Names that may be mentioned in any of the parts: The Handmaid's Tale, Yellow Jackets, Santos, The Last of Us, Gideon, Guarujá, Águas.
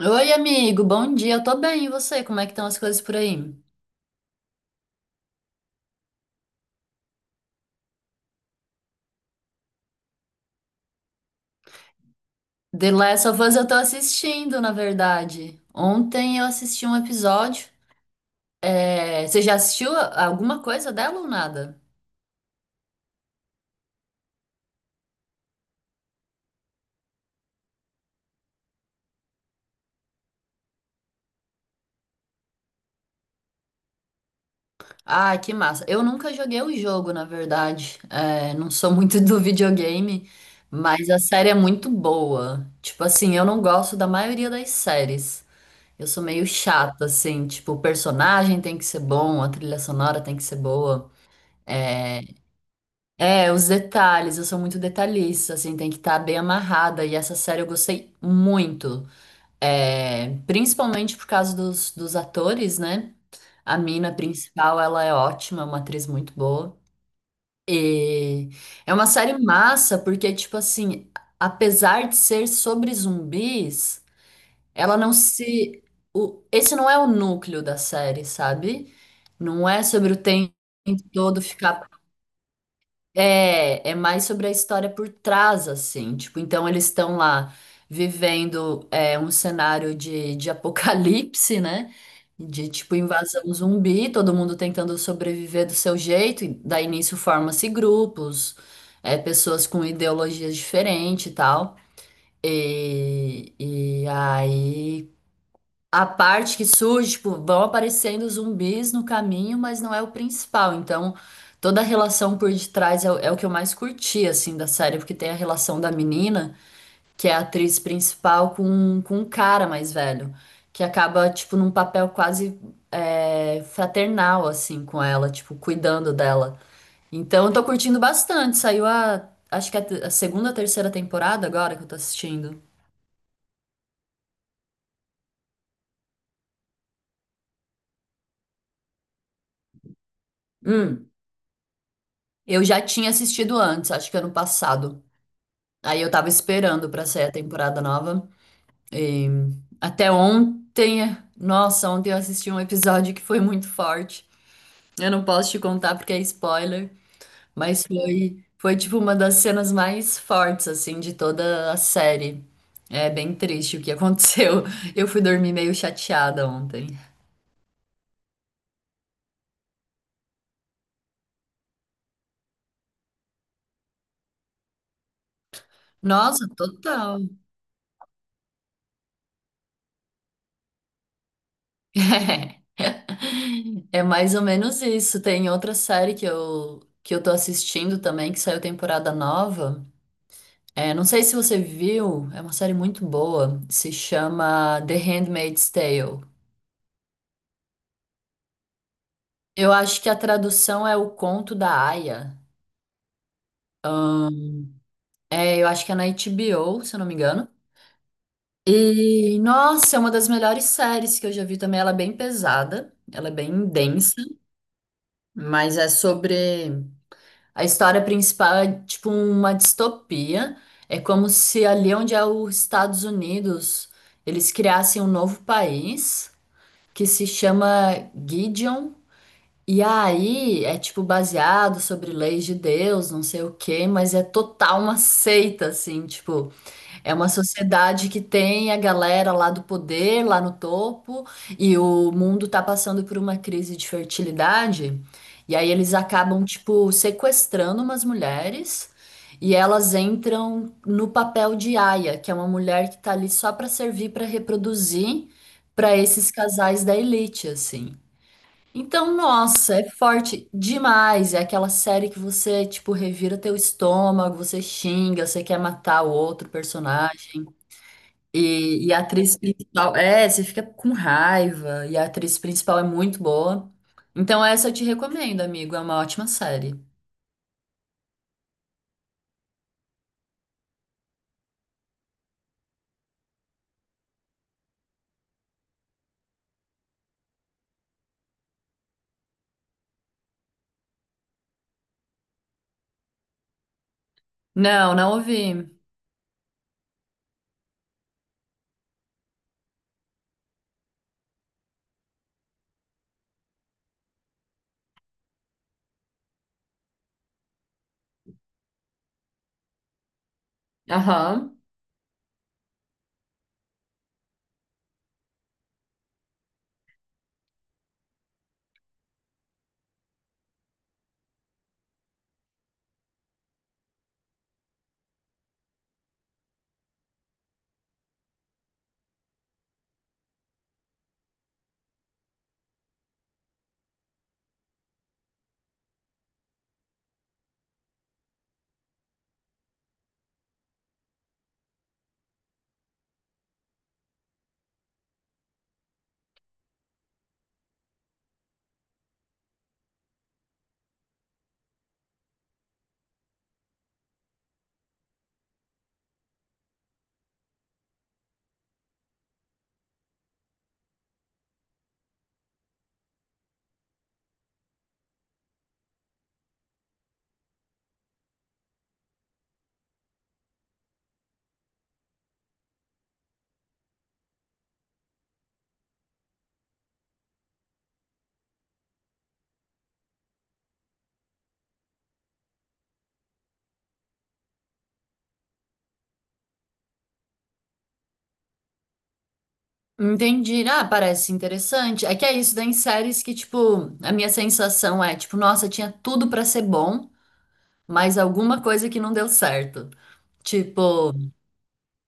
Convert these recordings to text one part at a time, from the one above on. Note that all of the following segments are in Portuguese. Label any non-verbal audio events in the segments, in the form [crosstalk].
Oi, amigo, bom dia. Eu tô bem, e você? Como é que estão as coisas por aí? The Last of Us eu tô assistindo, na verdade. Ontem eu assisti um episódio. É, você já assistiu alguma coisa dela ou nada? Ah, que massa. Eu nunca joguei o jogo, na verdade. É, não sou muito [laughs] do videogame, mas a série é muito boa. Tipo assim, eu não gosto da maioria das séries. Eu sou meio chata, assim. Tipo, o personagem tem que ser bom, a trilha sonora tem que ser boa. É, os detalhes, eu sou muito detalhista, assim, tem que estar bem amarrada. E essa série eu gostei muito, é, principalmente por causa dos atores, né? A mina principal, ela é ótima, é uma atriz muito boa. E é uma série massa, porque, tipo assim, apesar de ser sobre zumbis, ela não se. O, esse não é o núcleo da série, sabe? Não é sobre o tempo todo ficar é, é mais sobre a história por trás, assim. Tipo, então eles estão lá vivendo é, um cenário de [laughs] apocalipse, né? De tipo invasão zumbi, todo mundo tentando sobreviver do seu jeito, e daí nisso forma-se grupos, é, pessoas com ideologias diferentes e tal. E aí a parte que surge, tipo, vão aparecendo zumbis no caminho, mas não é o principal. Então, toda a relação por detrás é, o é o que eu mais curti, assim, da série, porque tem a relação da menina, que é a atriz principal, com um cara mais velho, que acaba, tipo, num papel quase é, fraternal, assim, com ela, tipo, cuidando dela. Então, eu tô curtindo bastante. Saiu a, acho que é a, a segunda, ou terceira temporada agora que eu tô assistindo. Hum, eu já tinha assistido antes, acho que ano passado. Aí eu tava esperando pra sair a temporada nova. E até ontem, nossa, ontem eu assisti um episódio que foi muito forte. Eu não posso te contar porque é spoiler, mas foi, foi tipo uma das cenas mais fortes assim de toda a série. É bem triste o que [laughs] aconteceu. Eu fui dormir meio chateada ontem. Nossa, total. [laughs] É mais ou menos isso. Tem outra série que eu tô assistindo também que saiu temporada nova. É, não sei se você viu, é uma série muito boa, se chama The Handmaid's Tale. Eu acho que a tradução é O Conto da Aia. É, eu acho que é na HBO, se eu não me engano. E, nossa, é uma das melhores séries que eu já vi também. Ela é bem pesada, ela é bem densa, mas é sobre. A história principal é tipo uma distopia. É como se ali onde é os Estados Unidos, eles criassem um novo país, que se chama Gideon. E aí é tipo baseado sobre leis de Deus, não sei o quê, mas é total uma seita, assim, tipo. É uma sociedade que tem a galera lá do poder, lá no topo, e o mundo tá passando por uma crise de fertilidade. E aí eles acabam, tipo, sequestrando umas mulheres e elas entram no papel de aia, que é uma mulher que tá ali só pra servir pra reproduzir pra esses casais da elite, assim. Então, nossa, é forte demais. É aquela série que você, tipo, revira teu estômago, você xinga, você quer matar o outro personagem. E a atriz principal, é, você fica com raiva, e a atriz principal é muito boa. Então essa eu te recomendo, amigo, é uma ótima série. Não, não ouvi. Aham. Entendi. Ah, parece interessante. É que é isso, tem séries que, tipo, a minha sensação é, tipo, nossa, tinha tudo pra ser bom, mas alguma coisa que não deu certo. Tipo,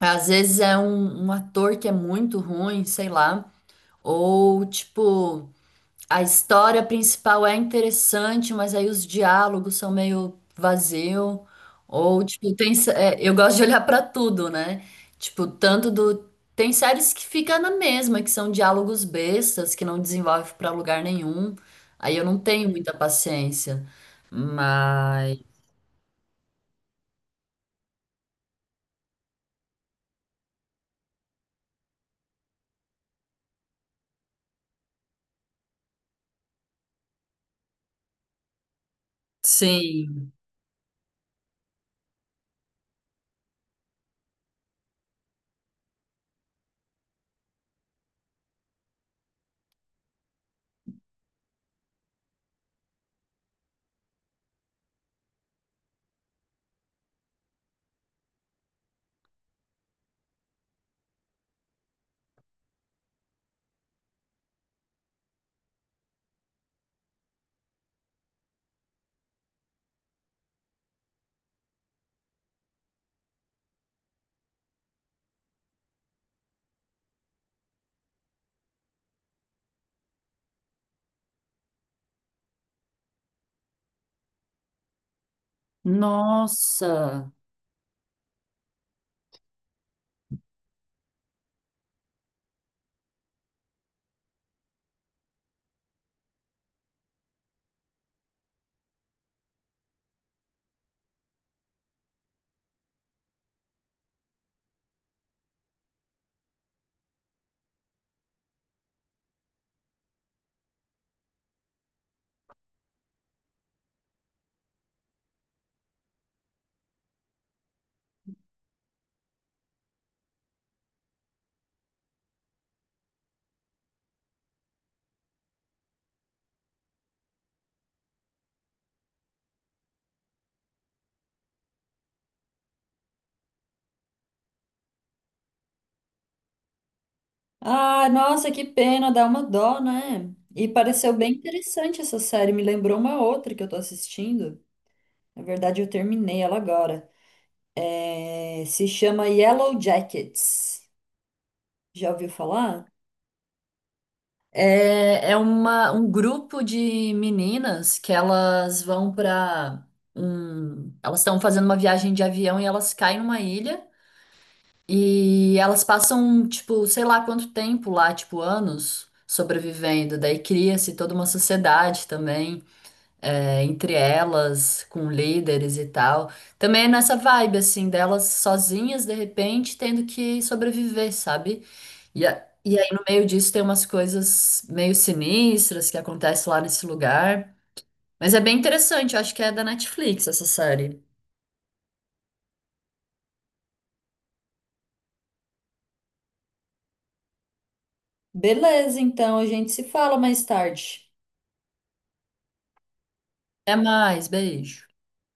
às vezes é um ator que é muito ruim, sei lá, ou, tipo, a história principal é interessante, mas aí os diálogos são meio vazio. Ou, tipo, é, eu gosto de olhar pra tudo, né? Tipo, tanto do. Tem séries que ficam na mesma, que são diálogos bestas, que não desenvolve pra lugar nenhum. Aí eu não tenho muita paciência. Mas. Sim. Nossa! Ah, nossa, que pena, dá uma dó, né? E pareceu bem interessante essa série, me lembrou uma outra que eu tô assistindo. Na verdade, eu terminei ela agora. É, se chama Yellow Jackets. Já ouviu falar? É, é um grupo de meninas que elas vão para um, elas estão fazendo uma viagem de avião e elas caem numa ilha e elas passam, tipo, sei lá quanto tempo lá, tipo, anos sobrevivendo. Daí cria-se toda uma sociedade também, é, entre elas, com líderes e tal. Também é nessa vibe, assim, delas sozinhas, de repente, tendo que sobreviver, sabe? E, e aí, no meio disso, tem umas coisas meio sinistras que acontecem lá nesse lugar. Mas é bem interessante, eu acho que é da Netflix essa série. Beleza, então a gente se fala mais tarde. Até mais, beijo.